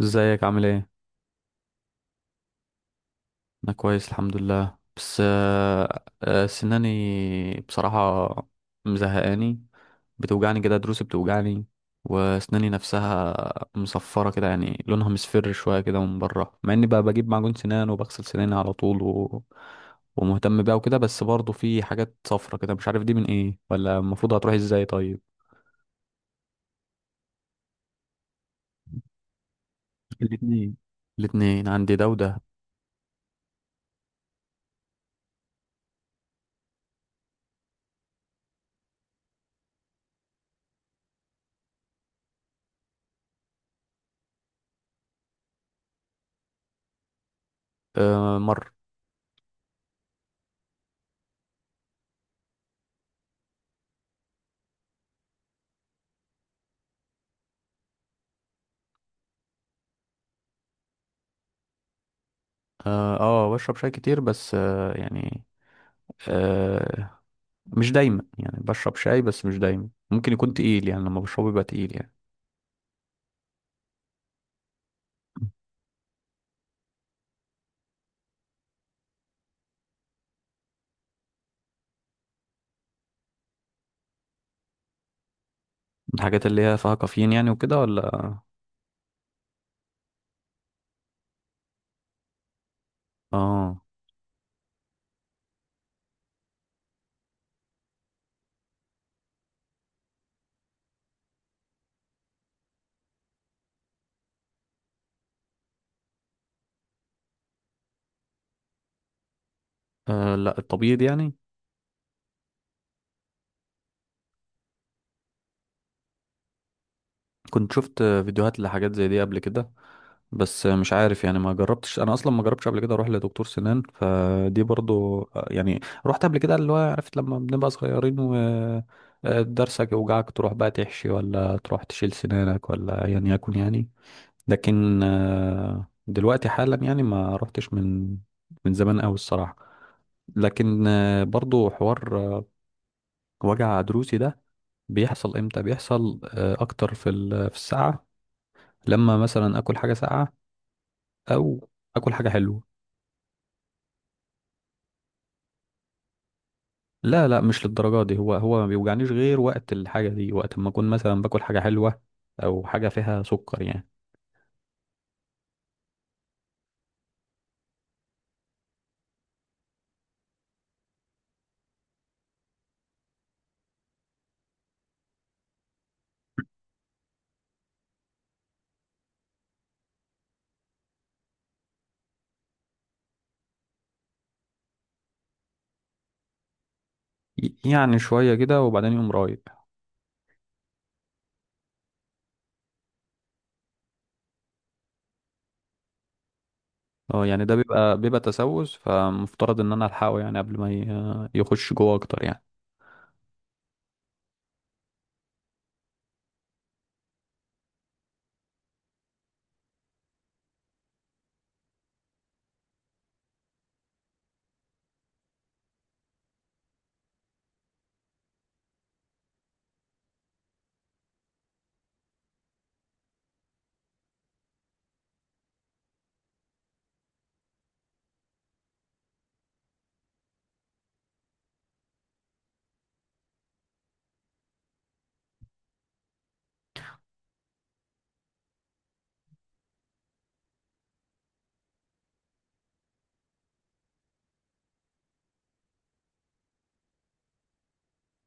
ازيك، عامل ايه؟ انا كويس الحمد لله، بس سناني بصراحة مزهقاني. بتوجعني كده، دروسي بتوجعني، واسناني نفسها مصفرة كده. يعني لونها مصفر شوية كده من بره، مع اني بقى بجيب معجون سنان وبغسل سناني على طول ومهتم بيها وكده، بس برضه في حاجات صفرة كده، مش عارف دي من ايه ولا المفروض هتروح ازاي. طيب، الاتنين الاتنين، عندي ده وده. آه، مر. اه، آه، بشرب شاي كتير. بس يعني، آه مش دايما. يعني بشرب شاي بس مش دايما، ممكن يكون تقيل، يعني لما بشربه يبقى تقيل يعني. الحاجات اللي هي فيها كافيين يعني وكده، ولا؟ آه. اه، لا، التبييض يعني. كنت شفت فيديوهات لحاجات زي دي قبل كده، بس مش عارف يعني، ما جربتش انا اصلا، ما جربتش قبل كده اروح لدكتور سنان، فدي برضو يعني. رحت قبل كده، اللي هو عرفت لما بنبقى صغيرين و درسك يوجعك تروح بقى تحشي ولا تروح تشيل سنانك ولا ايا يكن يعني. لكن دلوقتي حالا يعني ما رحتش من زمان قوي الصراحة. لكن برضو حوار وجع ضروسي ده، بيحصل امتى؟ بيحصل اكتر في في الساعة لما مثلا اكل حاجة ساقعة، او اكل حاجة حلوة. لا لا، مش للدرجة دي. هو هو ما بيوجعنيش غير وقت الحاجة دي، وقت ما اكون مثلا باكل حاجة حلوة او حاجة فيها سكر يعني. يعني شوية كده وبعدين يقوم رايق. اه يعني ده بيبقى تسوس، فمفترض ان انا الحقه يعني قبل ما يخش جوه اكتر يعني.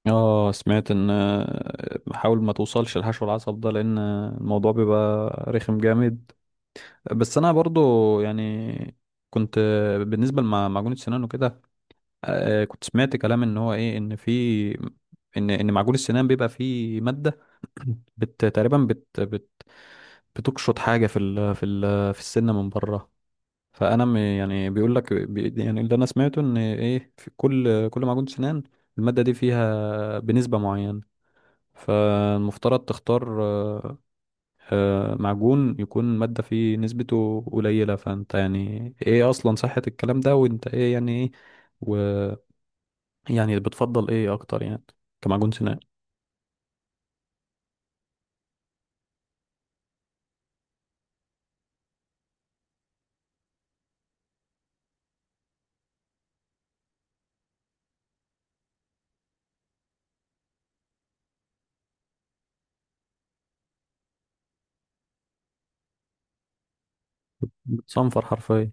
اه سمعت ان حاول ما توصلش الحشو العصب ده، لان الموضوع بيبقى رخم جامد. بس انا برضو يعني كنت بالنسبه لمعجون السنان وكده، كنت سمعت كلام ان هو ايه، ان في ان ان معجون السنان بيبقى فيه ماده تقريبا بت بت بتقشط حاجه في ال في ال في السن من بره. فانا يعني بيقول لك، يعني اللي انا سمعته ان ايه، في كل معجون سنان الماده دي فيها بنسبه معينه، فالمفترض تختار معجون يكون ماده فيه نسبته قليله. فانت يعني ايه اصلا صحه الكلام ده؟ وانت ايه يعني، ايه ويعني بتفضل ايه اكتر يعني كمعجون سنان؟ بتصنفر حرفيا.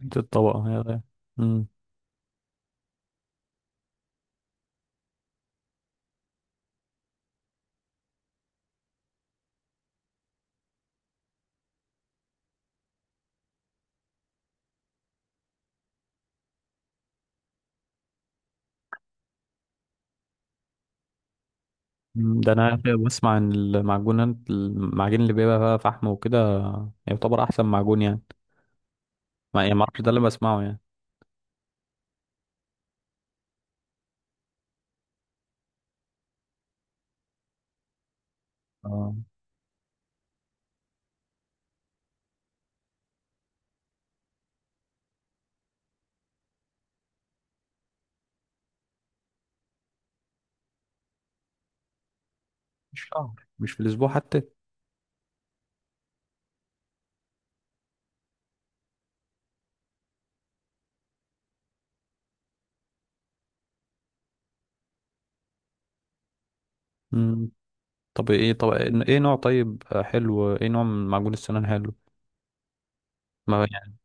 دي الطبقه هي. مم، ده انا بسمع عن المعجونات، اللي بيبقى فيها فحم وكده، يعتبر احسن معجون يعني. ما يعني، ما اعرفش، ده اللي بسمعه يعني. آه، مش شهر، مش في الاسبوع حتى. مم. طب ايه، طب ايه نوع طيب حلو، ايه نوع من معجون السنان حلو؟ ما يعني،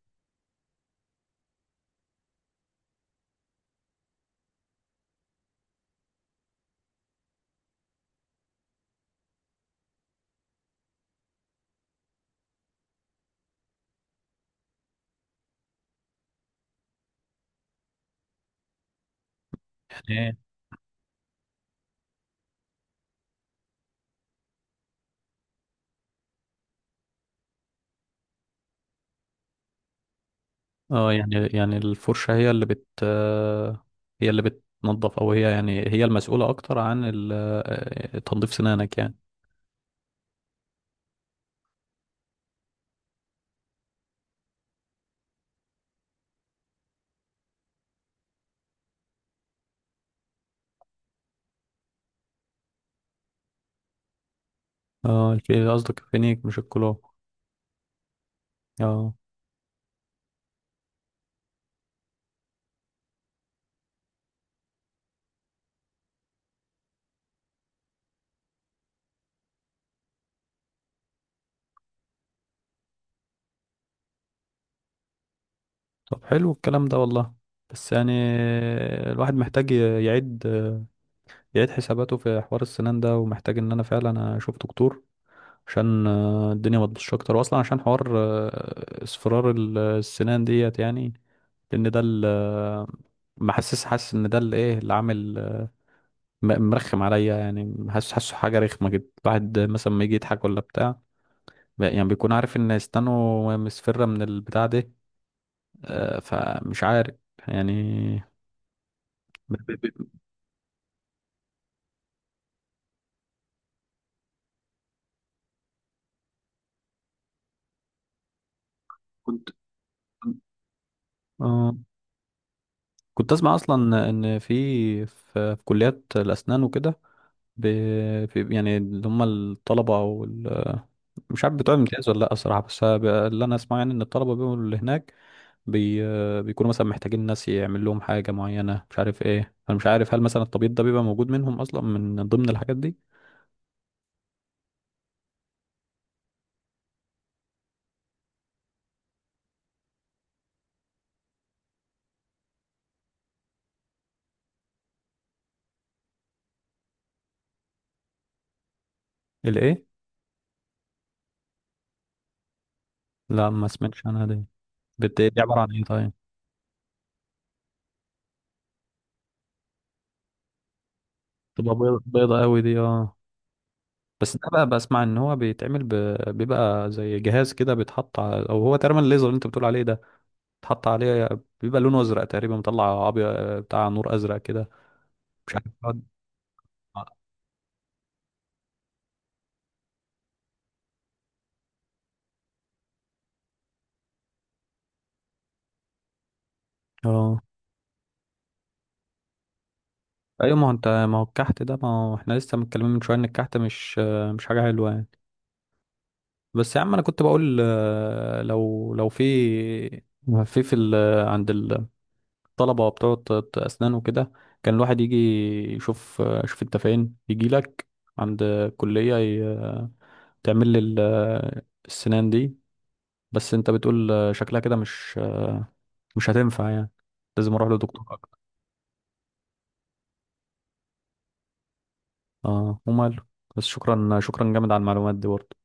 يعني ايه؟ اه يعني، الفرشة هي اللي بت آه، هي اللي بتنظف، او هي يعني هي المسؤولة اكتر عن تنظيف سنانك يعني. اه، قصدك الفينيك مش الكلور. اه. طب حلو الكلام ده والله. بس يعني الواحد محتاج يعيد، حساباته في حوار السنان ده، ومحتاج ان انا فعلا اشوف دكتور عشان الدنيا ما تبوظش اكتر، واصلا عشان حوار اصفرار السنان ديت يعني. لان ده حاسس ان ده اللي ايه، اللي عامل مرخم عليا يعني، حاسه حاجه رخمه كده، الواحد مثلا ما يجي يضحك ولا بتاع، يعني بيكون عارف ان اسنانه مصفرة من البتاع ده، فمش عارف يعني. كنت آه. كنت اسمع اصلا ان في في كليات الاسنان وكده، في يعني اللي هم الطلبه او مش عارف بتوع الامتياز، ولا لا الصراحه، بس اللي انا اسمعه يعني ان الطلبه بيقولوا اللي هناك بي بيكونوا مثلا محتاجين ناس يعمل لهم حاجه معينه، مش عارف ايه، انا مش عارف هل مثلا الطبيب ده بيبقى موجود منهم اصلا من ضمن الحاجات دي. الايه؟ لا، ما سمعتش عنها دي. دي عباره عن ايه طيب؟ تبقى بيضه قوي دي، اه. بس ده بقى بسمع ان هو بيتعمل بيبقى زي جهاز كده بيتحط او هو تقريبا الليزر اللي انت بتقول عليه ده، بيتحط عليه، بيبقى لونه ازرق تقريبا، مطلع ابيض، بتاع نور ازرق كده. مش عارف بيقعد-. اه، ايوه، ما هو الكحت ده، ما هو احنا لسه متكلمين من شويه ان الكحت مش حاجه حلوه يعني. بس يا عم انا كنت بقول لو في في في ال... عند الطلبه بتوع اسنان وكده، كان الواحد يجي يشوف انت فين يجي لك عند الكليه، تعمل لي السنان دي. بس انت بتقول شكلها كده مش هتنفع يعني، لازم اروح لدكتور اكتر. اه وماله. بس شكرا شكرا جامد على المعلومات دي برضه.